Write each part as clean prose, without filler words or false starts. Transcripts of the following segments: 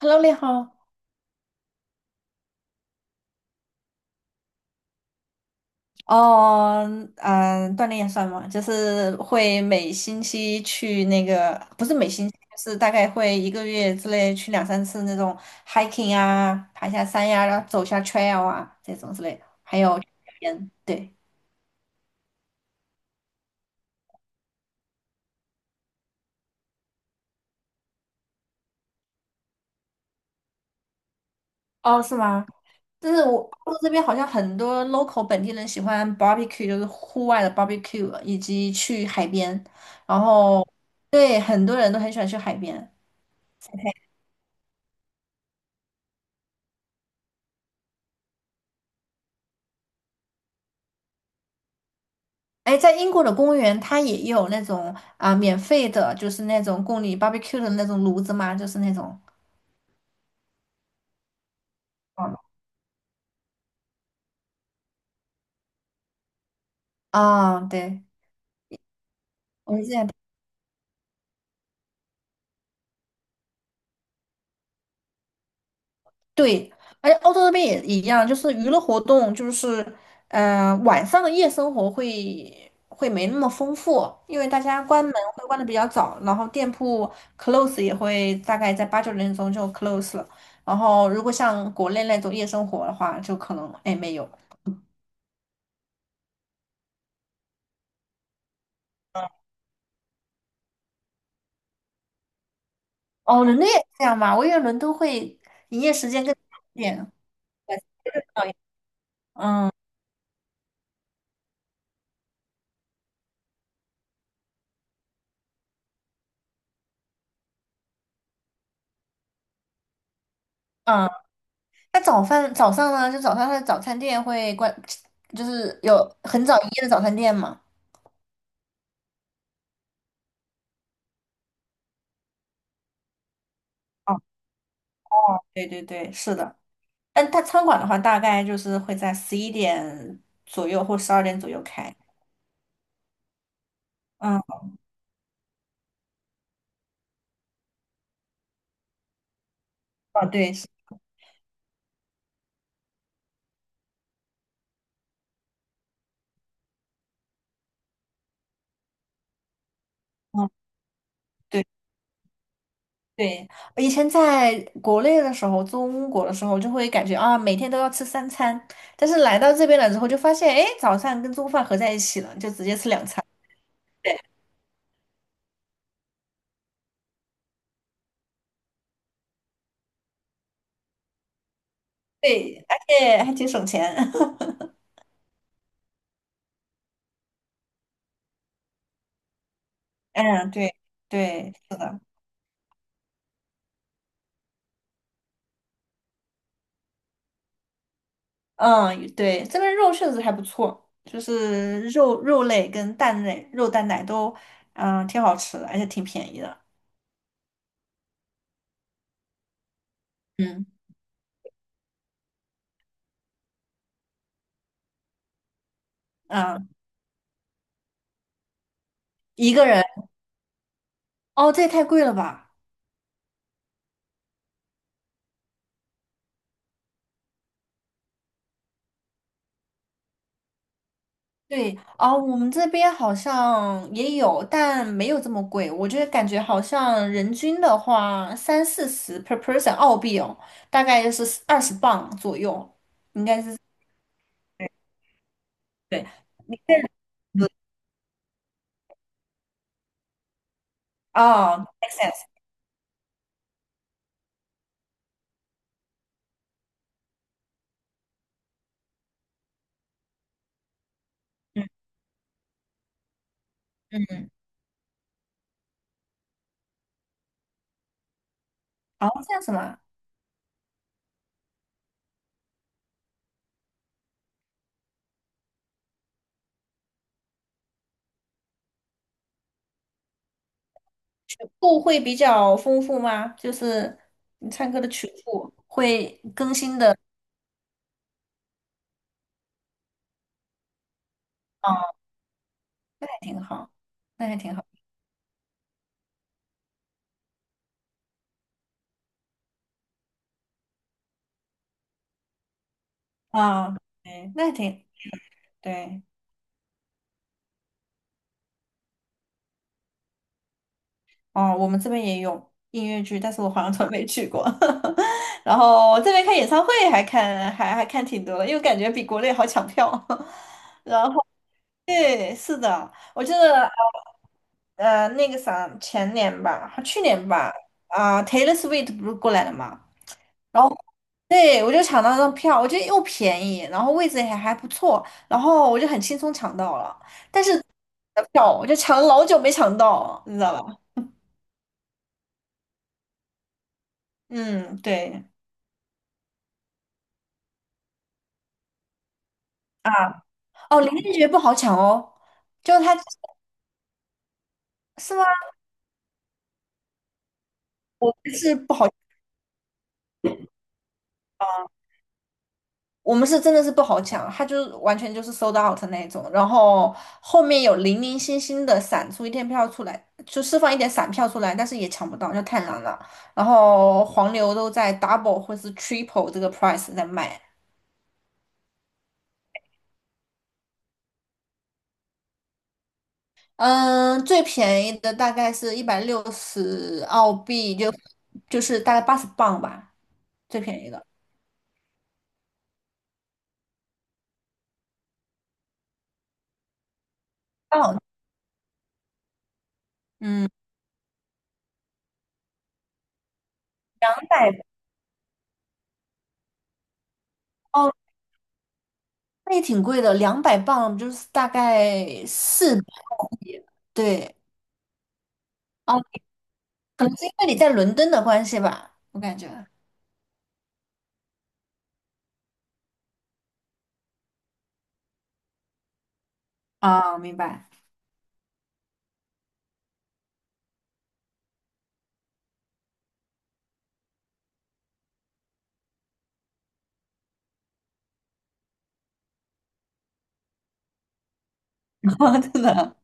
Hello，你好。哦，嗯，锻炼也算吗？就是会每星期去那个，不是每星期，就是大概会一个月之内去两三次那种 hiking 啊，爬下山呀、然后走下 trail 啊这种之类的，还有去海边，对。哦，是吗？就是澳洲这边好像很多 local 本地人喜欢 barbecue，就是户外的 barbecue，以及去海边，然后对，很多人都很喜欢去海边。哎，在英国的公园，它也有那种啊、免费的，就是那种供你 barbecue 的那种炉子嘛，就是那种。嗯啊、对，我们之前对，而且欧洲那边也一样，就是娱乐活动，就是晚上的夜生活会没那么丰富，因为大家关门会关的比较早，然后店铺 close 也会大概在八九点钟就 close 了，然后如果像国内那种夜生活的话，就可能哎没有。哦，伦敦也这样嘛？我以为伦敦会营业时间更长一点。晚上会更早一点。嗯嗯，那早饭早上呢？就早上它的早餐店会关，就是有很早营业的早餐店嘛？哦哦，对对对，是的。但它餐馆的话，大概就是会在11点左右或12点左右开。嗯，哦对，是，嗯，对。对，我以前在国内的时候，中国的时候，就会感觉啊，每天都要吃三餐，但是来到这边了之后，就发现，哎，早餐跟中饭合在一起了，就直接吃两餐。对，而且还挺省钱。嗯，对对，嗯对，这边肉确实还不错，就是肉类跟蛋类、肉蛋奶都，嗯，挺好吃的，而且挺便宜的。嗯嗯，一个人。哦，这也太贵了吧？对啊，我们这边好像也有，但没有这么贵。我觉得感觉好像人均的话，三四十 per person 澳币哦，大概就是20磅左右，应该是对。哦，make s e n s。 嗯嗯，哦，这样子嘛，曲库会比较丰富吗？就是你唱歌的曲库会更新的，哦，那还挺好，那还挺好啊，对，那还挺对。哦，我们这边也有音乐剧，但是我好像从来没去过。然后这边看演唱会还看还看挺多的，因为感觉比国内好抢票。然后对，是的，我记得那个啥前年吧，去年吧，啊、Taylor Swift 不是过来了嘛，然后对，我就抢到那张票，我觉得又便宜，然后位置也还不错，然后我就很轻松抢到了。但是的票我就抢了老久没抢到，你知道吧？嗯，对。啊，哦，林俊杰不好抢哦，就是他是吗？我们是不好抢啊，我们是真的是不好抢，他就是完全就是 sold out 那一种，然后后面有零零星星的散出一天票出来，就释放一点散票出来，但是也抢不到，就太难了。然后黄牛都在 double 或是 triple 这个 price 在卖。嗯，最便宜的大概是160澳币，就是大概80磅吧，最便宜的。哦，嗯。两百。哦那也挺贵的，200磅就是大概400澳币。对。哦，可能是因为你在伦敦的关系吧，我感觉啊，明白。真的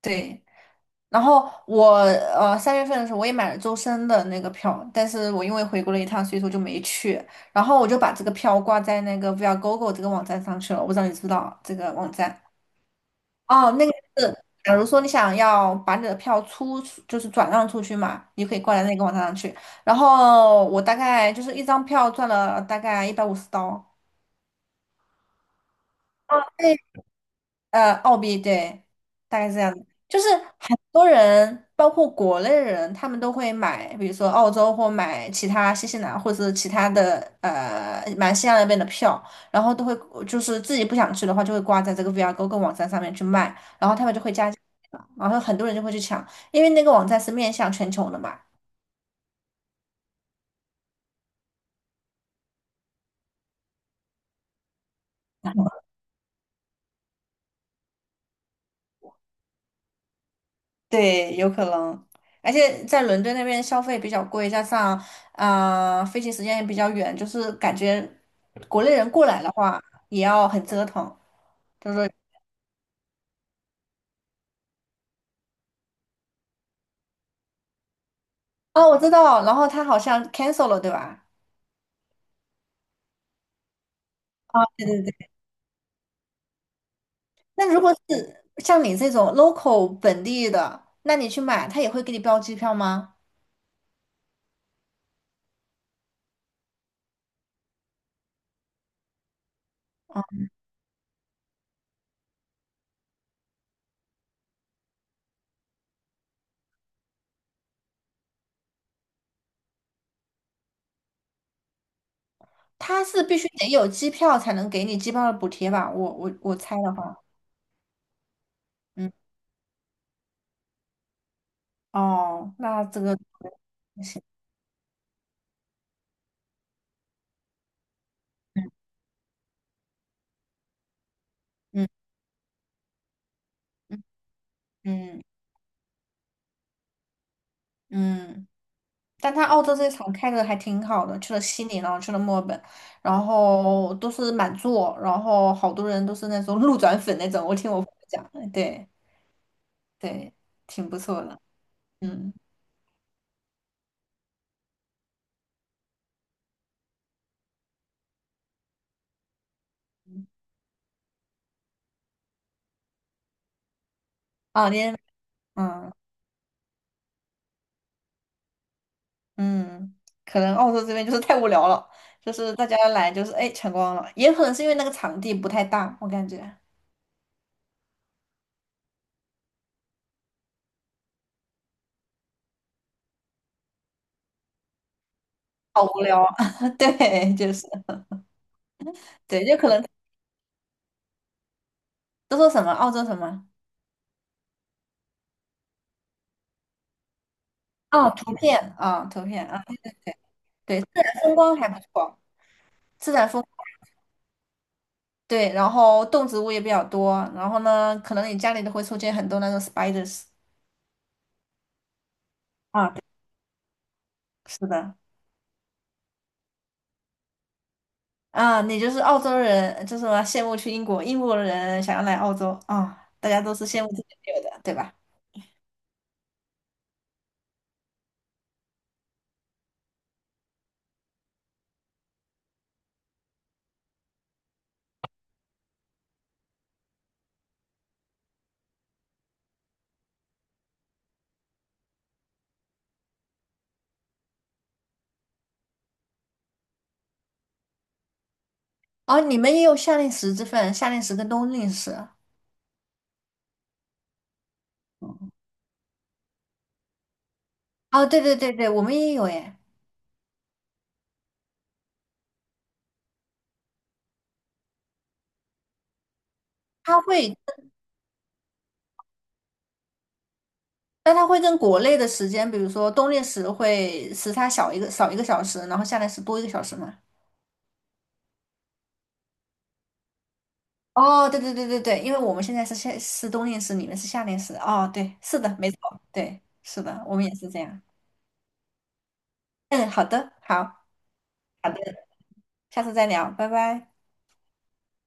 对。然后我三月份的时候我也买了周深的那个票，但是我因为回国了一趟，所以说就没去。然后我就把这个票挂在那个 Viagogo 这个网站上去了，我不知道你知不知道这个网站。哦，那个是，假如说你想要把你的票出，就是转让出去嘛，你可以挂在那个网站上去。然后我大概就是一张票赚了大概150刀。澳币对，大概是这样的。就是很多人，包括国内人，他们都会买，比如说澳洲或买其他新西兰或者是其他的马来西亚那边的票，然后都会就是自己不想去的话，就会挂在这个 VRGo 跟网站上面去卖，然后他们就会加价，然后很多人就会去抢，因为那个网站是面向全球的嘛。对，有可能，而且在伦敦那边消费比较贵，加上啊、飞行时间也比较远，就是感觉国内人过来的话也要很折腾。就是哦，我知道，然后他好像 cancel 了，对吧？啊，对对对。那如果是像你这种 local 本地的，那你去买，他也会给你标机票吗？他是必须得有机票才能给你机票的补贴吧？我猜的话，嗯，哦，那这个 不行，嗯嗯嗯。嗯嗯，但他澳洲这场开的还挺好的，去了悉尼，然后去了墨尔本，然后都是满座，然后好多人都是那种 路转粉那种。我听我朋友讲，对对，挺不错的。嗯，啊，你，嗯嗯，可能澳洲这边就是太无聊了，就是大家来就是哎全光了，也可能是因为那个场地不太大，我感觉好无聊啊。对，就是对，就可能都说什么澳洲什么哦，图片啊，图片啊，对，自然风光还不错。自然风对，然后动植物也比较多，然后呢，可能你家里都会出现很多那种 spiders 啊，对是的。啊，你就是澳洲人，就是说羡慕去英国，英国人想要来澳洲啊，大家都是羡慕自己没有的，对吧？哦，你们也有夏令时之分，夏令时跟冬令时。哦，对对对对，我们也有诶。它会，但它会跟国内的时间，比如说冬令时会时差少一个小时，然后夏令时多一个小时嘛。哦，对对对对对，因为我们现在是冬令时，你们是夏令时。哦，对，是的，没错，对，是的，我们也是这样。嗯，好的，好，好的，下次再聊，拜拜。